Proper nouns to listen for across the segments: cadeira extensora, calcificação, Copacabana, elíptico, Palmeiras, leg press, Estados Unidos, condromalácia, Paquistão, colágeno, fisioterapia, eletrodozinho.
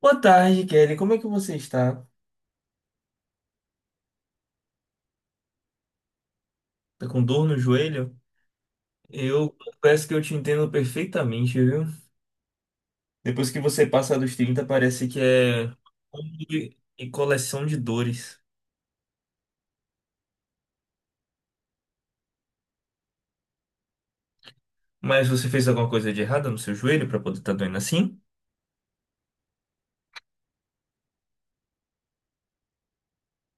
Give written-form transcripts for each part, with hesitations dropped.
Boa tarde, Kelly. Como é que você está? Tá com dor no joelho? Eu confesso que eu te entendo perfeitamente, viu? Depois que você passa dos 30 parece que é combo e coleção de dores. Mas você fez alguma coisa de errada no seu joelho para poder estar doendo assim?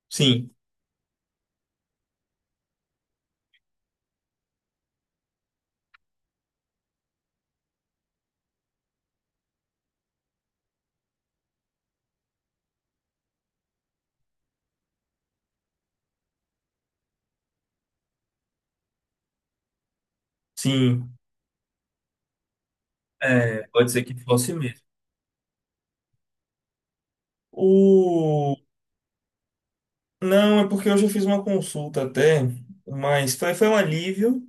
Sim, sim. É, pode ser que fosse mesmo. O... Não, é porque eu já fiz uma consulta até, mas foi um alívio,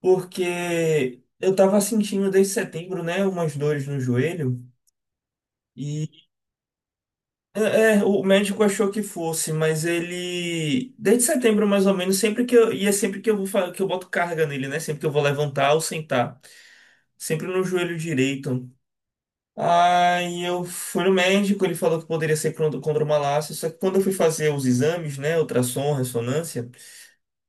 porque eu tava sentindo desde setembro, né, umas dores no joelho. E é, é, o médico achou que fosse, mas ele, desde setembro mais ou menos, sempre que eu, e é sempre que eu vou, que eu boto carga nele, né? Sempre que eu vou levantar ou sentar, sempre no joelho direito. Aí eu fui no médico, ele falou que poderia ser condromalácia, só que quando eu fui fazer os exames, né, ultrassom, ressonância,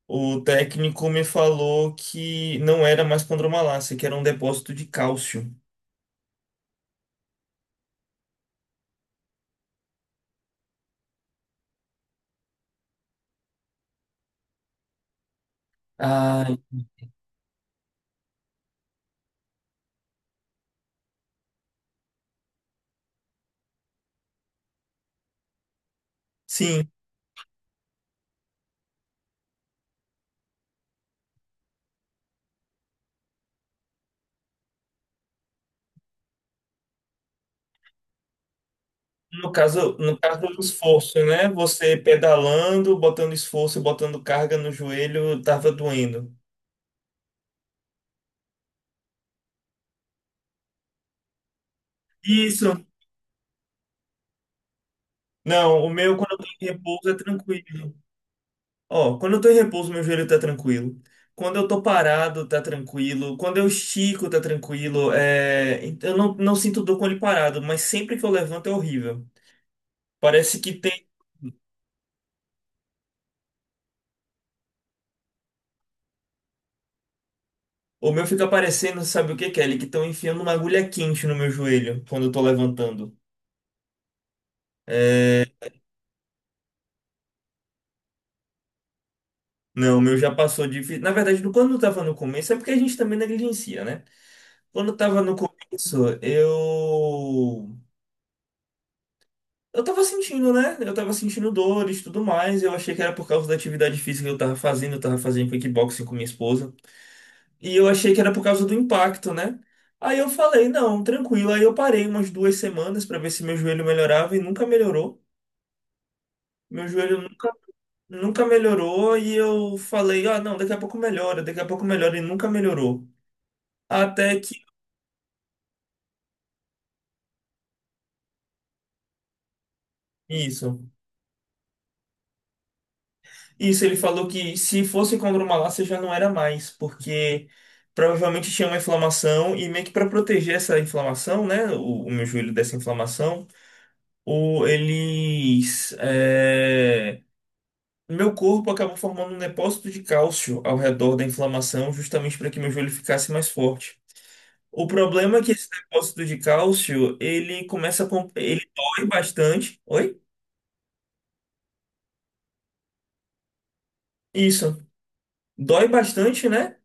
o técnico me falou que não era mais condromalácia, que era um depósito de cálcio. Ah, sim. No caso, no caso do esforço, né? Você pedalando, botando esforço, botando carga no joelho, tava doendo. Isso. Não, o meu quando eu tô em repouso é tranquilo. Ó, quando eu tô em repouso, meu joelho tá tranquilo. Quando eu tô parado, tá tranquilo. Quando eu estico, tá tranquilo. É, eu não sinto dor com ele parado, mas sempre que eu levanto é horrível. Parece que tem. O meu fica parecendo, sabe o que, Kelly? Que estão enfiando uma agulha quente no meu joelho quando eu tô levantando. Não, o meu já passou de. Na verdade, quando eu tava no começo, é porque a gente também negligencia, né? Quando eu tava no começo, eu. Eu tava sentindo, né? Eu tava sentindo dores e tudo mais. Eu achei que era por causa da atividade física que eu tava fazendo. Eu tava fazendo kickboxing com minha esposa. E eu achei que era por causa do impacto, né? Aí eu falei, não, tranquilo. Aí eu parei umas 2 semanas pra ver se meu joelho melhorava e nunca melhorou. Meu joelho nunca melhorou. E eu falei, ah, não, daqui a pouco melhora, daqui a pouco melhora e nunca melhorou. Até que isso. Isso, ele falou que se fosse condromalácia já não era mais, porque provavelmente tinha uma inflamação e meio que para proteger essa inflamação, né, o meu joelho dessa inflamação, o, eles, é, meu corpo acabou formando um depósito de cálcio ao redor da inflamação, justamente para que meu joelho ficasse mais forte. O problema é que esse depósito de cálcio, ele começa ele dói bastante. Oi? Isso. Dói bastante, né?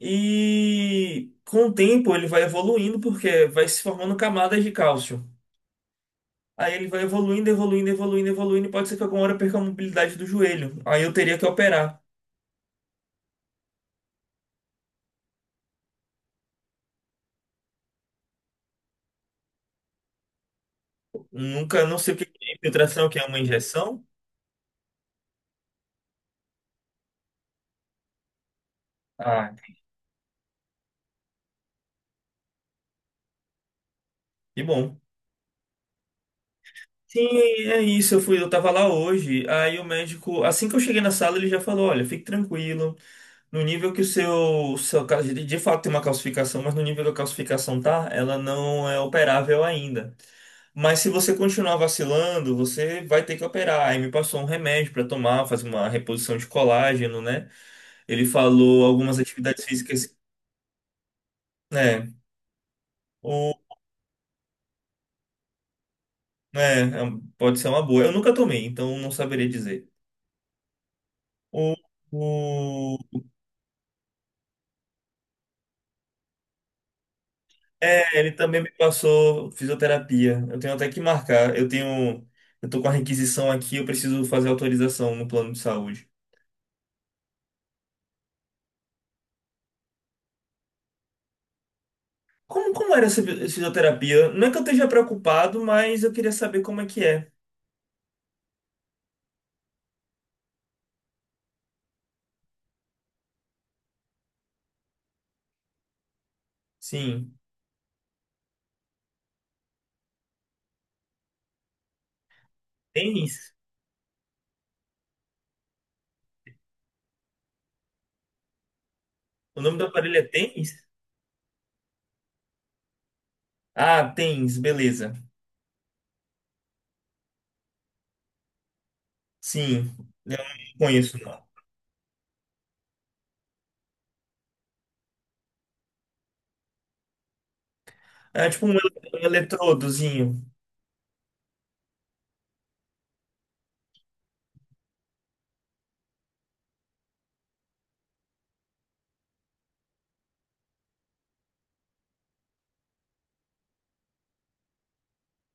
E com o tempo ele vai evoluindo porque vai se formando camadas de cálcio. Aí ele vai evoluindo, evoluindo, evoluindo, evoluindo. E pode ser que alguma hora eu perca a mobilidade do joelho. Aí eu teria que operar. Nunca, não sei o que que é infiltração, o que é uma injeção. Ah, que bom. Sim, é isso. Eu fui, eu tava lá hoje. Aí o médico, assim que eu cheguei na sala, ele já falou: olha, fique tranquilo. No nível que o seu de fato tem uma calcificação, mas no nível que a calcificação tá, ela não é operável ainda. Mas se você continuar vacilando, você vai ter que operar. Aí me passou um remédio para tomar, fazer uma reposição de colágeno, né? Ele falou algumas atividades físicas, né? O, né, é pode ser uma boa. Eu nunca tomei, então não saberia dizer. O, o, é, ele também me passou fisioterapia. Eu tenho até que marcar. Eu tenho, eu tô com a requisição aqui, eu preciso fazer autorização no plano de saúde. Como era essa fisioterapia? Não é que eu esteja preocupado, mas eu queria saber como é que é. Sim. Tênis? O nome do aparelho é tênis? Ah, tênis, beleza. Sim, eu não conheço, não. É tipo um eletrodozinho.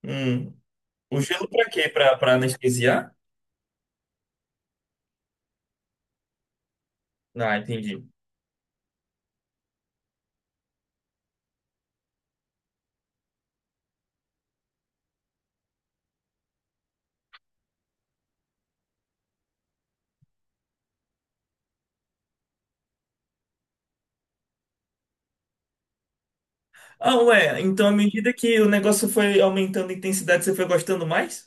Hum. O gelo pra quê? Pra anestesiar? Ah, entendi. Ah, ué, então à medida que o negócio foi aumentando a intensidade, você foi gostando mais?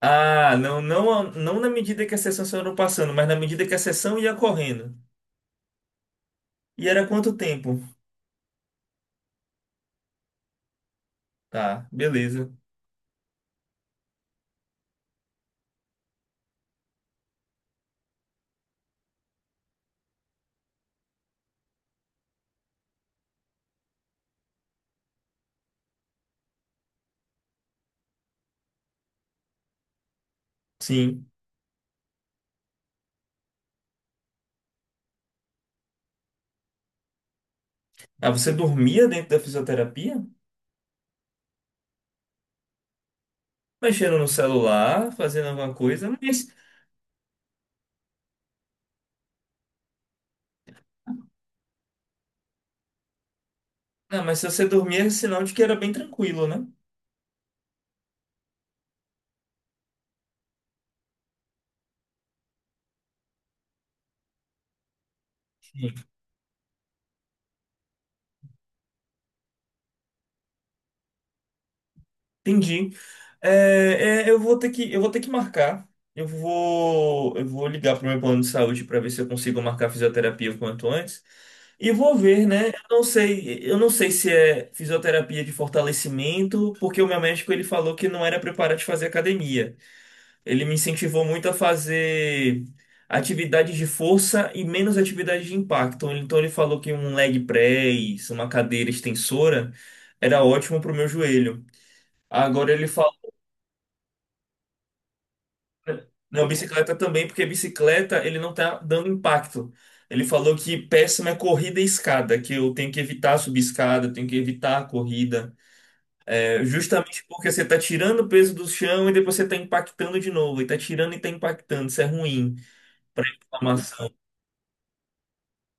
Ah, não na medida que a sessão foram passando, mas na medida que a sessão ia correndo. E era quanto tempo? Tá, beleza. Sim. Ah, você dormia dentro da fisioterapia? Mexendo no celular, fazendo alguma coisa, mas, não, mas se você dormir é sinal de que era bem tranquilo, né? Sim. Entendi. É, eu vou ter eu vou ter que marcar. Eu vou ligar pro meu plano de saúde para ver se eu consigo marcar fisioterapia o quanto antes. E vou ver, né? Eu não eu não sei se é fisioterapia de fortalecimento, porque o meu médico ele falou que não era preparado de fazer academia. Ele me incentivou muito a fazer atividades de força e menos atividades de impacto. Então ele falou que um leg press, uma cadeira extensora, era ótimo para o meu joelho. Agora ele falou, não, bicicleta também, porque bicicleta ele não tá dando impacto. Ele falou que péssima é corrida e escada, que eu tenho que evitar subir escada, eu tenho que evitar a corrida. É, justamente porque você tá tirando o peso do chão e depois você tá impactando de novo, e tá tirando e tá impactando, isso é ruim para inflamação.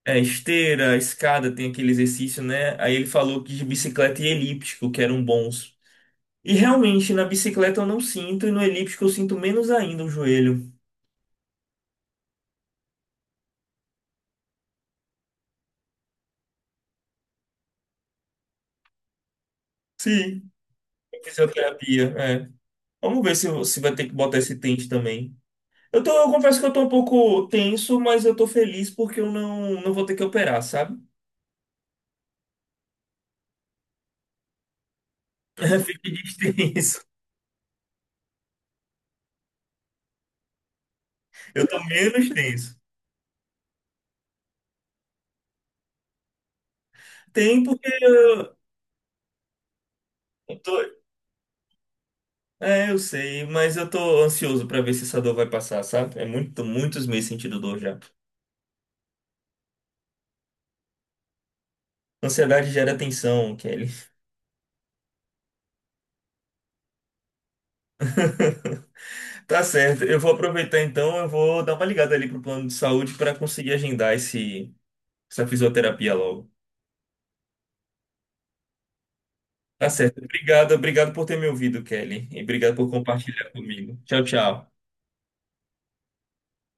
É, esteira, escada, tem aquele exercício, né? Aí ele falou que de bicicleta e elíptico, que eram bons. E realmente, na bicicleta eu não sinto, e no elíptico eu sinto menos ainda o joelho. Sim. Em Fisioterapia, é. Vamos ver se, se vai ter que botar esse tente também. Eu confesso que eu tô um pouco tenso, mas eu tô feliz porque eu não vou ter que operar, sabe? Fiquei tenso. Eu tô menos tenso. Tem porque tô, é, eu sei, mas eu tô ansioso pra ver se essa dor vai passar, sabe? É muitos meses sentindo dor já. Ansiedade gera tensão, Kelly. Tá certo. Eu vou aproveitar então, eu vou dar uma ligada ali pro plano de saúde pra conseguir agendar esse essa fisioterapia logo. Tá certo. Obrigado, obrigado por ter me ouvido, Kelly, e obrigado por compartilhar comigo. Tchau, tchau.